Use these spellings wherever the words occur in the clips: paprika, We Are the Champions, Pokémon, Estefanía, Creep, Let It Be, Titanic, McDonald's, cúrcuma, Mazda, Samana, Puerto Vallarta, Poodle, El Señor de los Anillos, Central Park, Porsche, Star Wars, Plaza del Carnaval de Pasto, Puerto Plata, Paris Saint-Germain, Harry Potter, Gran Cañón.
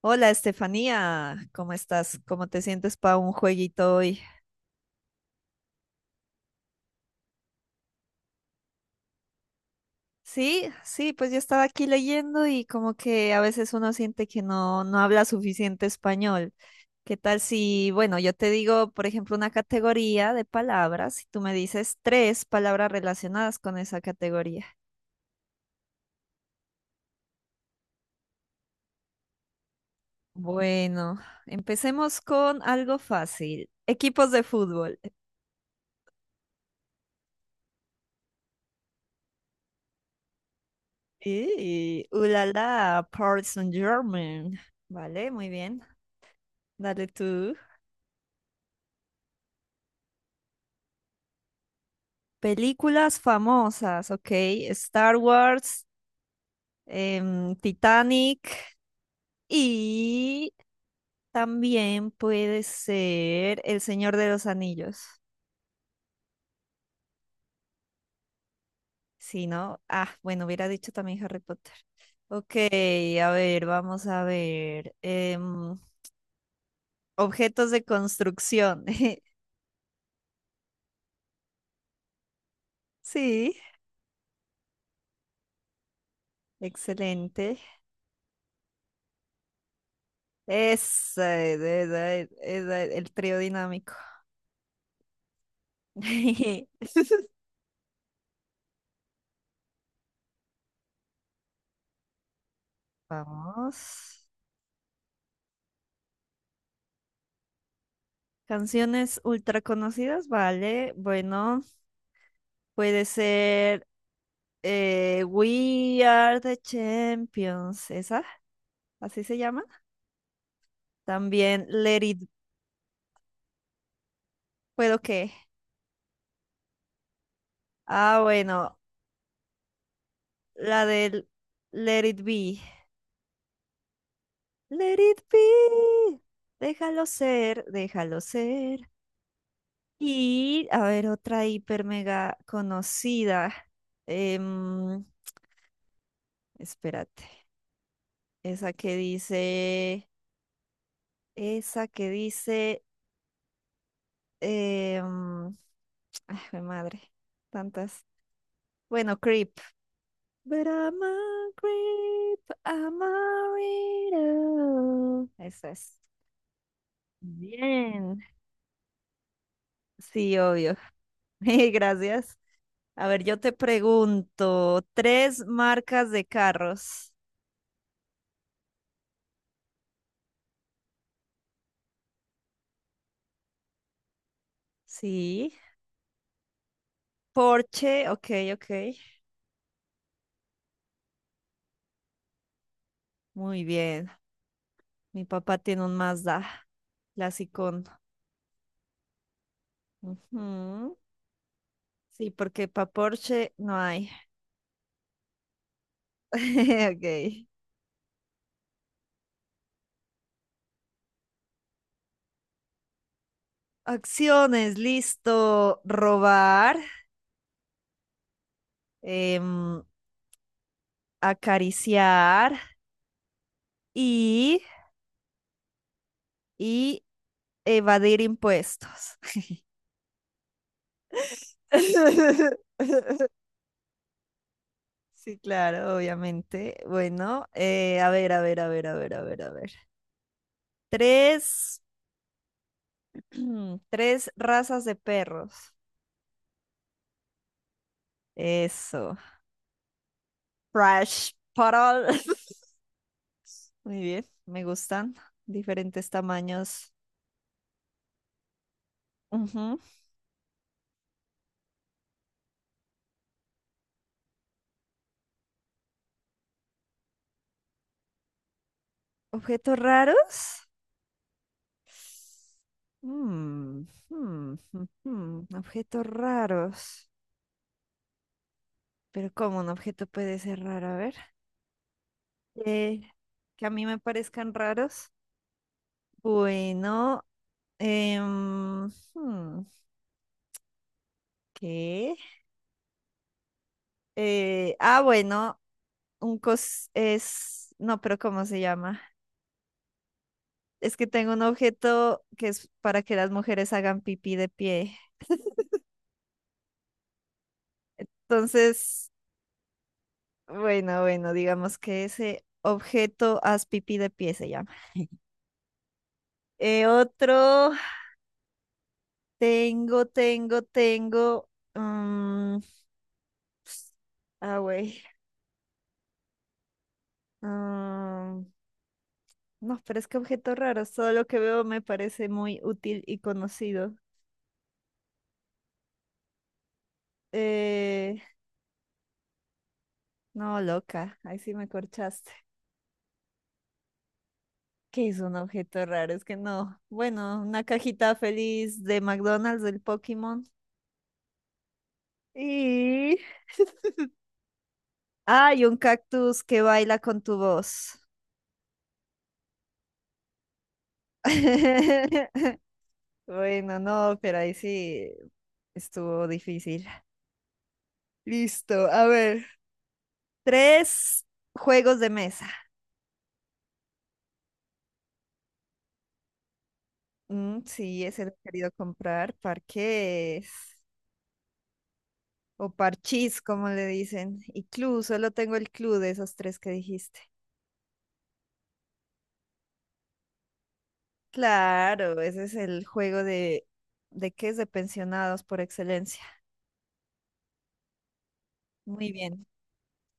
Hola Estefanía, ¿cómo estás? ¿Cómo te sientes para un jueguito hoy? Sí, sí, pues yo estaba aquí leyendo y como que a veces uno siente que no habla suficiente español. ¿Qué tal si, bueno, yo te digo, por ejemplo, una categoría de palabras y tú me dices tres palabras relacionadas con esa categoría? Bueno, empecemos con algo fácil. Equipos de fútbol. Y, ulala, Paris Saint-Germain. Vale, muy bien. Dale tú. Películas famosas, ok. Star Wars, Titanic y también puede ser El Señor de los Anillos. Si no, ah, bueno, hubiera dicho también Harry Potter. Ok, a ver, vamos a ver. Objetos de construcción. Sí, excelente. Esa es el trío dinámico. Vamos. Canciones ultra conocidas, vale. Bueno, puede ser We Are the Champions, esa, así se llama. También Let It, ¿puedo qué? Ah, bueno, la del Let It Be. Let It Be, déjalo ser, déjalo ser. Y, a ver, otra hiper mega conocida. em, Espérate, esa que dice... Esa que dice Eh, mm, ay, jue madre, tantas. Bueno, Creep. But I'm a creep, I'm a weirdo. Eso es. Bien. Sí, obvio. Mil gracias. A ver, yo te pregunto, tres marcas de carros. Sí. Porsche, ok, ok. Muy bien. Mi papá tiene un Mazda, clasicón. Ujú. Sí, porque para Porsche no hay. Ok. Acciones, listo. Robar, em, acariciar y, y evadir impuestos. Sí, claro, obviamente. Bueno, a ver, a ver, a ver, a ver, a ver, a ver. Tres, tres razas de perros. Eso. Fresh Poodle. Muy bien, me gustan. Diferentes tamaños. Ujú. Objetos raros. Mm, Objetos raros. Pero ¿cómo un objeto puede ser raro? A ver. Eh, que a mí me parezcan raros. Bueno, em, hmm, ¿qué? Ah, bueno, un cos es... No, pero ¿cómo se llama? Es que tengo un objeto que es para que las mujeres hagan pipí de pie. Entonces, bueno, bueno, digamos que ese objeto haz pipí de pie se llama. Otro, tengo. mm, ah, güey. mm, no, pero es que objeto raro. Todo lo que veo me parece muy útil y conocido. Eh, no, loca. Ahí sí me corchaste. ¿Qué es un objeto raro? Es que no. Bueno, una cajita feliz de McDonald's del Pokémon. Y. Hay un cactus que baila con tu voz. Bueno, no, pero ahí sí. Estuvo difícil. Listo, a ver. Tres juegos de mesa. Mm, sí, ese lo he querido comprar. Parques o parchís, como le dicen. Y club, solo tengo el club de esos tres que dijiste. Claro, ese es el juego de qué es de pensionados por excelencia. Muy bien.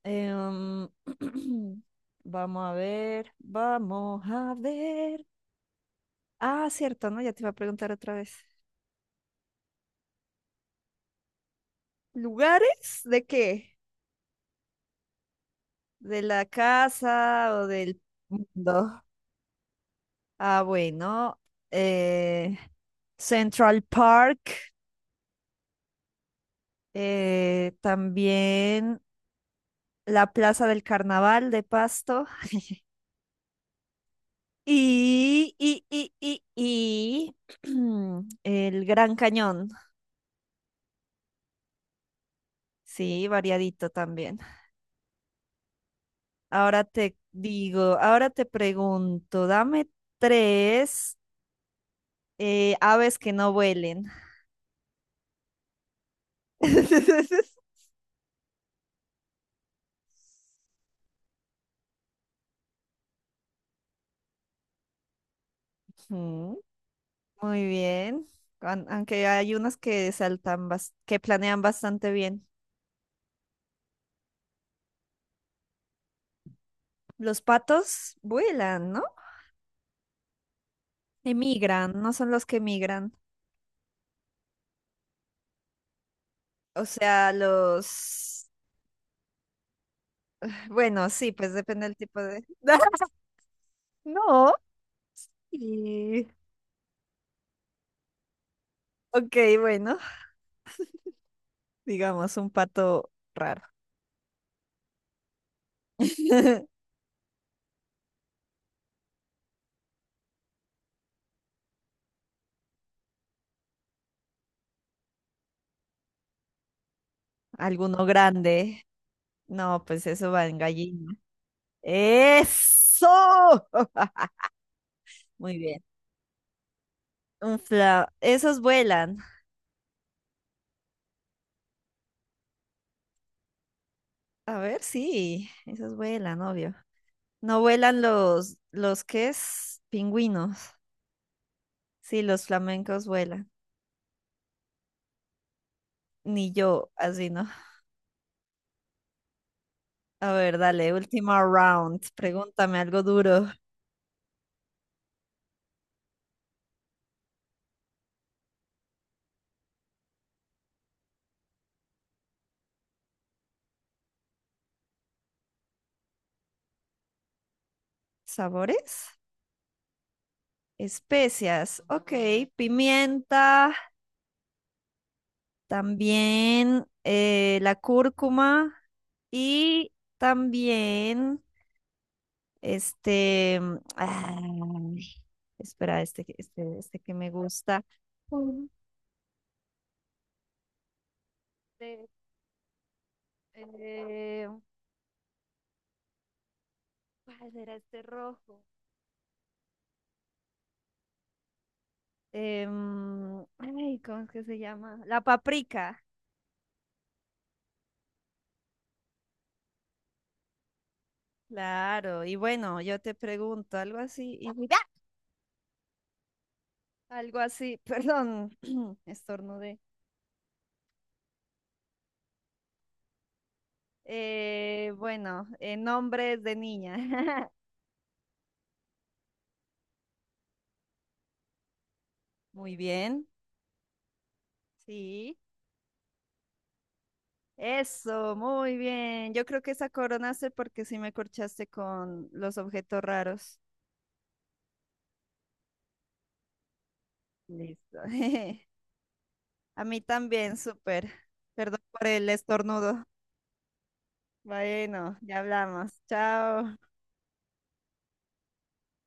Em, vamos a ver, vamos a ver. Ah, cierto, ¿no? Ya te iba a preguntar otra vez. ¿Lugares de qué? ¿De la casa o del mundo? Ah, bueno. eh, Central Park. También la Plaza del Carnaval de Pasto. Y el Gran Cañón. Sí, variadito también. Ahora te digo, ahora te pregunto, dame tres aves que no vuelen. Ujú. Muy bien. Aunque hay unos que saltan, que planean bastante bien. Los patos vuelan, ¿no? Emigran, no son los que migran. O sea, los... Bueno, sí, pues depende del tipo de... No. Y... Ok, bueno, digamos un pato raro. Alguno grande. No, pues eso va en gallina. ¡Eso! Muy bien. Un fla... Esos vuelan. A ver, sí, esos vuelan, obvio. No vuelan los que es pingüinos. Sí, los flamencos vuelan. Ni yo, así no. A ver, dale, última round. Pregúntame algo duro. ¿Sabores? Especias. Ok, pimienta, también la cúrcuma y también este, mm, ay, espera, este que me gusta. Mm. Este, Eh, ¿cuál era este rojo? Ay, ¿cómo es que se llama? La paprika. Claro, y bueno, yo te pregunto algo así, y paprika. Algo así, perdón, estornudé. Bueno, nombres de niña. Muy bien. Sí. Eso, muy bien. Yo creo que esa coronaste porque sí me corchaste con los objetos raros. Listo. A mí también, súper. Perdón por el estornudo. Bueno, ya hablamos. Chao.